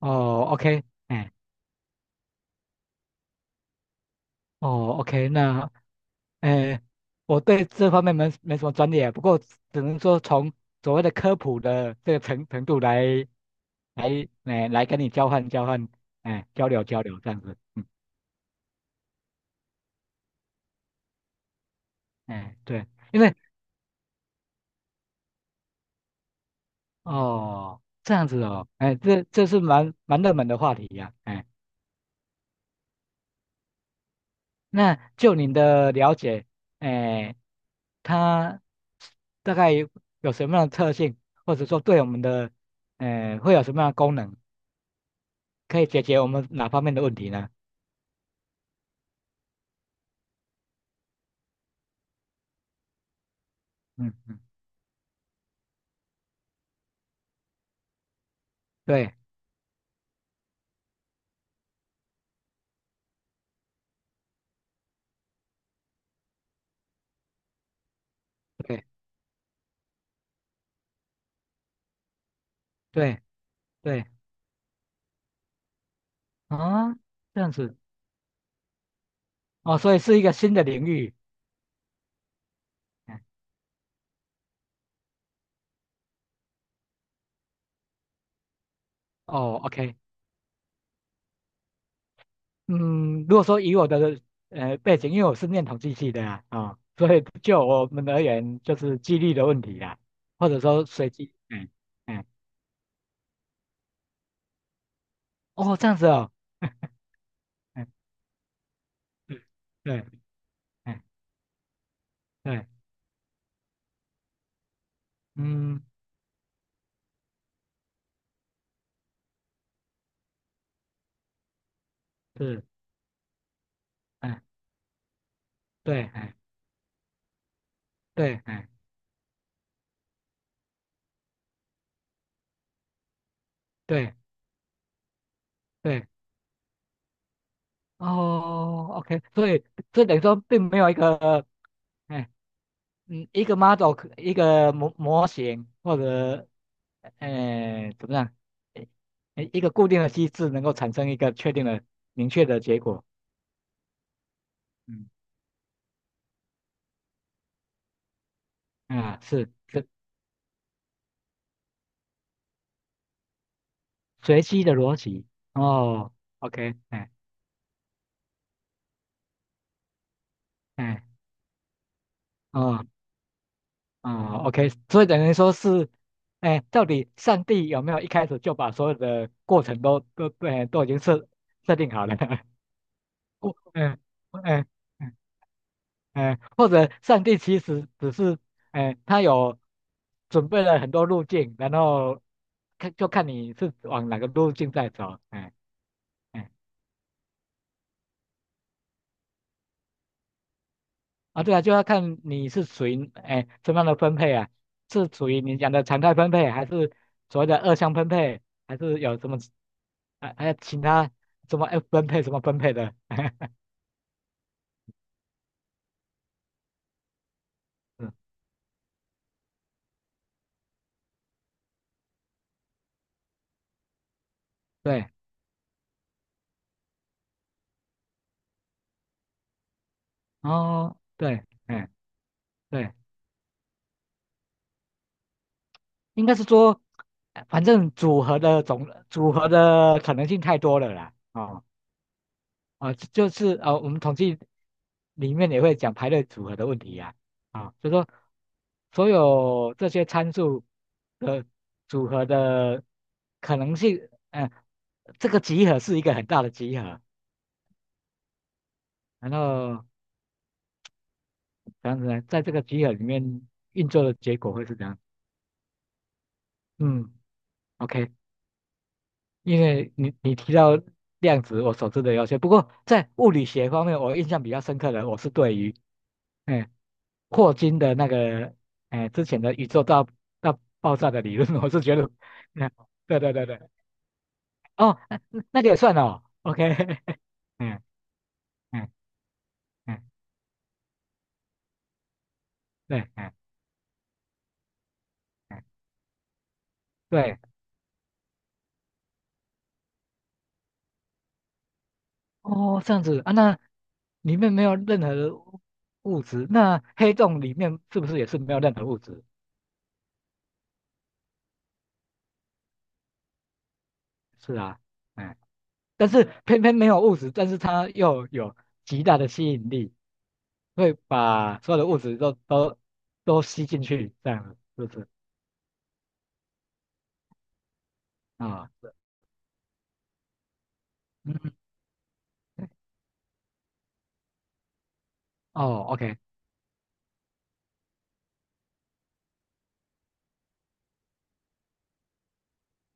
哦，OK，哎，哦，OK，那，哎，我对这方面没什么专业啊，不过只能说从所谓的科普的这个程度来跟你交换交换，哎，交流交流这样子，嗯，哎，对，因为哦，这样子哦，哎，这是蛮热门的话题呀、哎。那就您的了解，哎，它大概有什么样的特性，或者说对我们的，会有什么样的功能，可以解决我们哪方面的问题呢？嗯嗯，对对对对，啊，这样子哦，所以是一个新的领域。嗯哦，OK,嗯，如果说以我的背景，因为我是念统计系的啊、所以就我们而言，就是几率的问题啦，或者说随机，嗯。嗯哦，这样子哦，哎，嗯，对，哎，对，嗯，是，哎，对，哎，对，哎，对，对，哦，OK,所以这等于说并没有一个，哎，嗯，一个 model,可一个模型或者，哎，怎么样，哎一个固定的机制能够产生一个确定的、明确的结果，嗯，啊，是，是随机的逻辑，哦，OK,哎，哎。哦啊、O K 所以等于说是，哎，到底上帝有没有一开始就把所有的过程都都已经设定好了？过嗯嗯嗯嗯，或者上帝其实只是，哎，他有准备了很多路径，然后看就看你是往哪个路径在走，哎哎啊，对啊，就要看你是属于哎怎么样的分配啊，是属于你讲的常态分配，还是所谓的二项分配，还是有什么，还有其他什么 F 分配什么分配的？嗯对，哦，对，哎，对，应该是说，反正组合的总组合的可能性太多了啦，哦。啊、就是啊、我们统计里面也会讲排列组合的问题呀、啊，啊、就说所有这些参数的组合的可能性，嗯、这个集合是一个很大的集合，然后这样子呢，在这个集合里面运作的结果会是怎样？嗯，OK,因为你提到量子，我所知的有些，不过在物理学方面，我印象比较深刻的，我是对于。嗯霍金的那个，哎，之前的宇宙大爆炸的理论，我是觉得，嗯，对对对对，哦，那个也算哦，OK,嗯嗯嗯，对，嗯嗯对，哦，这样子啊，那里面没有任何的物质，那黑洞里面是不是也是没有任何物质？是啊，嗯，但是偏偏没有物质，但是它又有极大的吸引力，会把所有的物质都吸进去，这样子是不是？啊、嗯，对哦，OK,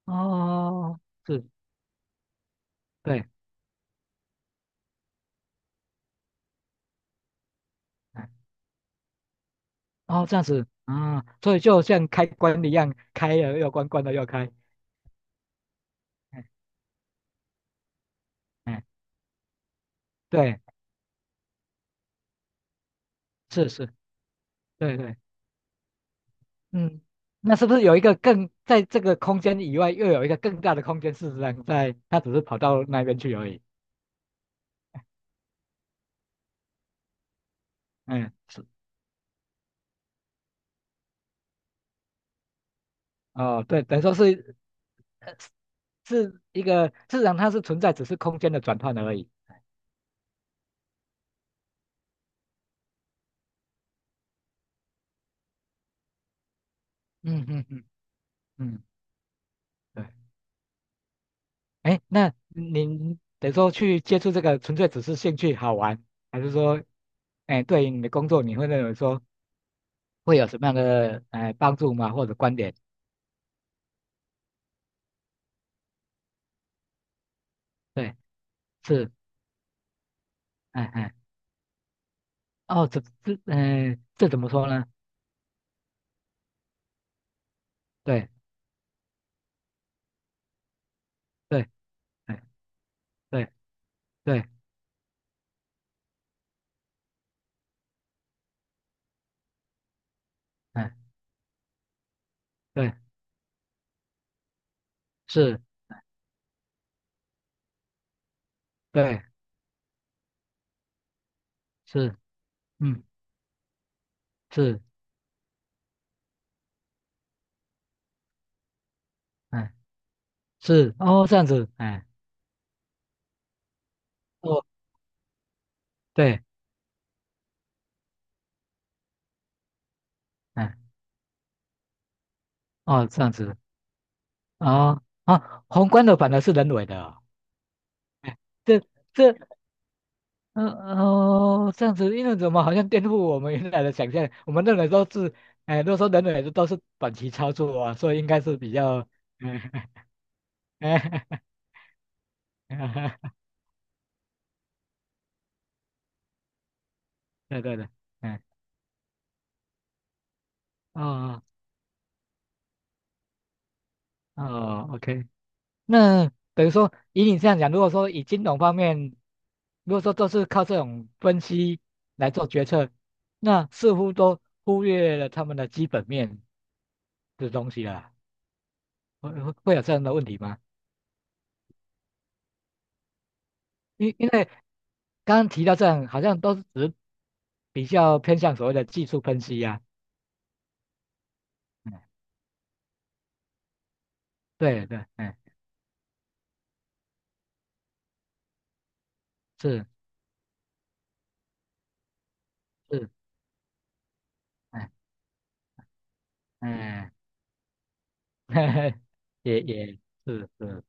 哦，是，对，哎哦，这样子，啊、所以就像开关一样，开了又关，关了又开，哎哎，对，是是，对对，嗯，那是不是有一个更在这个空间以外，又有一个更大的空间？事实上在，它只是跑到那边去而已。嗯，是，哦，对，等于说是，呃，是一个，事实上它是存在，只是空间的转换而已。嗯嗯嗯嗯，对。哎，那您等于说去接触这个，纯粹只是兴趣好玩，还是说，哎，对于你的工作，你会认为说会有什么样的帮助吗？或者观点？对，是，哎，哦，这，嗯、这怎么说呢？对对，哎对对，哎对，是，对是，嗯是，哎是，哦这样子，哎哦对，哎哦这样子，哦啊，宏观的反而是人为的哦，哎这这。嗯哦，这样子，因为怎么好像颠覆我们原来的想象？我们认为都是，哎，如果说人类都是短期操作啊，所以应该是比较，嗯，哎，对对对，嗯，哦哦，OK,那等于说以你这样讲，如果说以金融方面，如果说都是靠这种分析来做决策，那似乎都忽略了他们的基本面的东西了，会有这样的问题吗？因为刚刚提到这样，好像都是只比较偏向所谓的技术分析呀、嗯，对对，嗯，是是，嗯嗯，也是是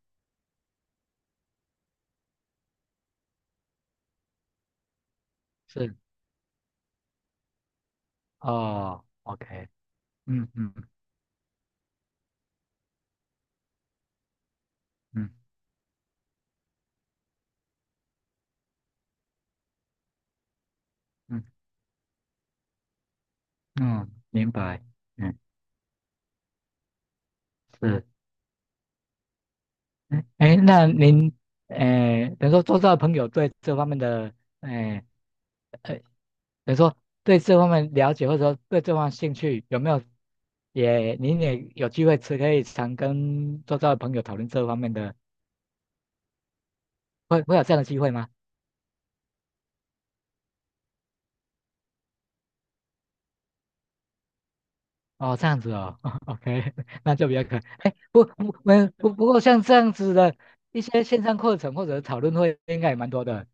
是，哦，OK,嗯嗯嗯嗯嗯，明白，嗯是，嗯哎，那您，哎，等于说做到朋友对这方面的，哎呃，等于说对这方面了解或者说对这方面兴趣有没有？也，您也有机会吃，可以常跟周遭的朋友讨论这方面的，会有这样的机会吗？哦，这样子哦 ，OK,那就比较可哎，不不没不不过像这样子的一些线上课程或者讨论会，应该也蛮多的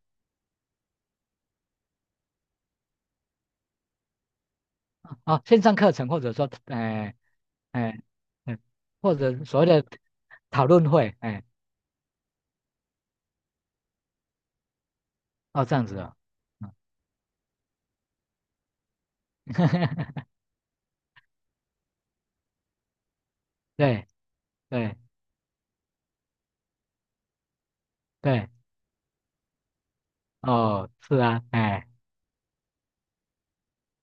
哦。线上课程或者说，哎嗯，或者所谓的讨论会，哎哦这样子哦，嗯 对对对，哦是啊，哎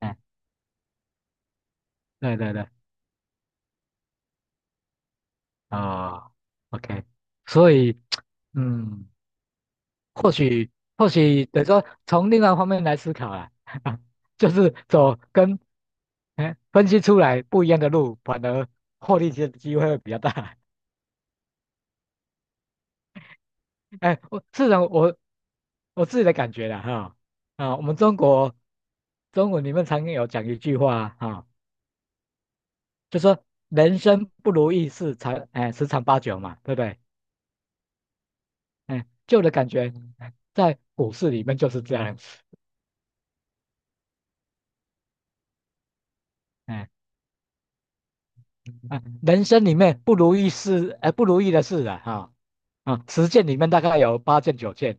哎对对对，哦，OK,所以嗯。或许或许等于说从另外方面来思考啊，就是走跟哎分析出来不一样的路，反而获利的机会会比较大。哎，我自己的感觉啦哈啊，我们中国中文里面常有讲一句话啊，哈就说人生不如意事十常八九嘛，对不对？哎，就我的感觉在股市里面就是这样子，哎啊，人生里面不如意事哎不如意的事啊哈。啊，10件里面大概有8件9件，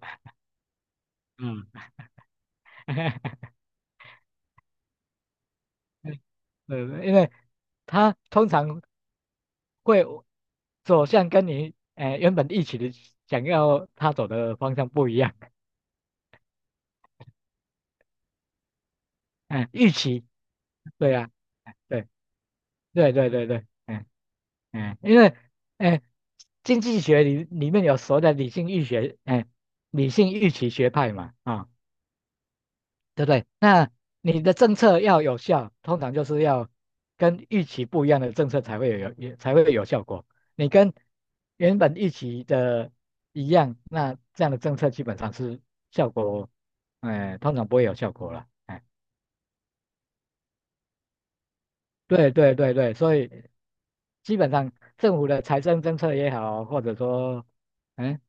嗯，对，因为他通常会走向跟你原本预期的想要他走的方向不一样，嗯，预期，对啊，对对对对对，嗯嗯，因为哎，经济学里面有所谓的理性预期学派嘛，啊、对不对？那你的政策要有效，通常就是要跟预期不一样的政策才会有效果。你跟原本预期的一样，那这样的政策基本上是效果，哎、通常不会有效果了。哎，对对对对，所以基本上政府的财政政策也好，或者说，嗯，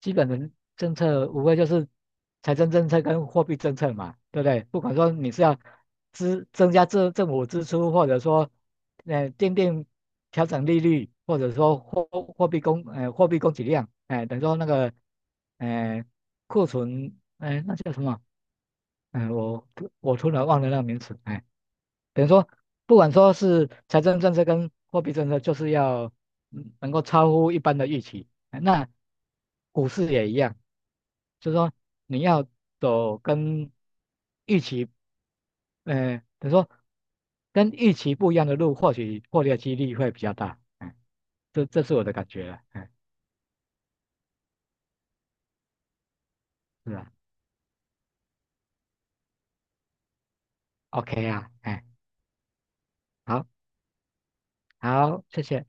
基本的政策无非就是财政政策跟货币政策嘛，对不对？不管说你是要增加政府支出，或者说，奠定调整利率，或者说货币供给量，哎、等于说那个，呃，库存，哎、那叫什么？哎，我突然忘了那个名词，哎、等于说，不管说是财政政策跟货币政策，就是要能够超乎一般的预期。哎那股市也一样，就是说你要走跟预期，等于说跟预期不一样的路，或许获利的几率会比较大。嗯，这是我的感觉了。哎，是啊，OK 啊，哎，好，好，谢谢。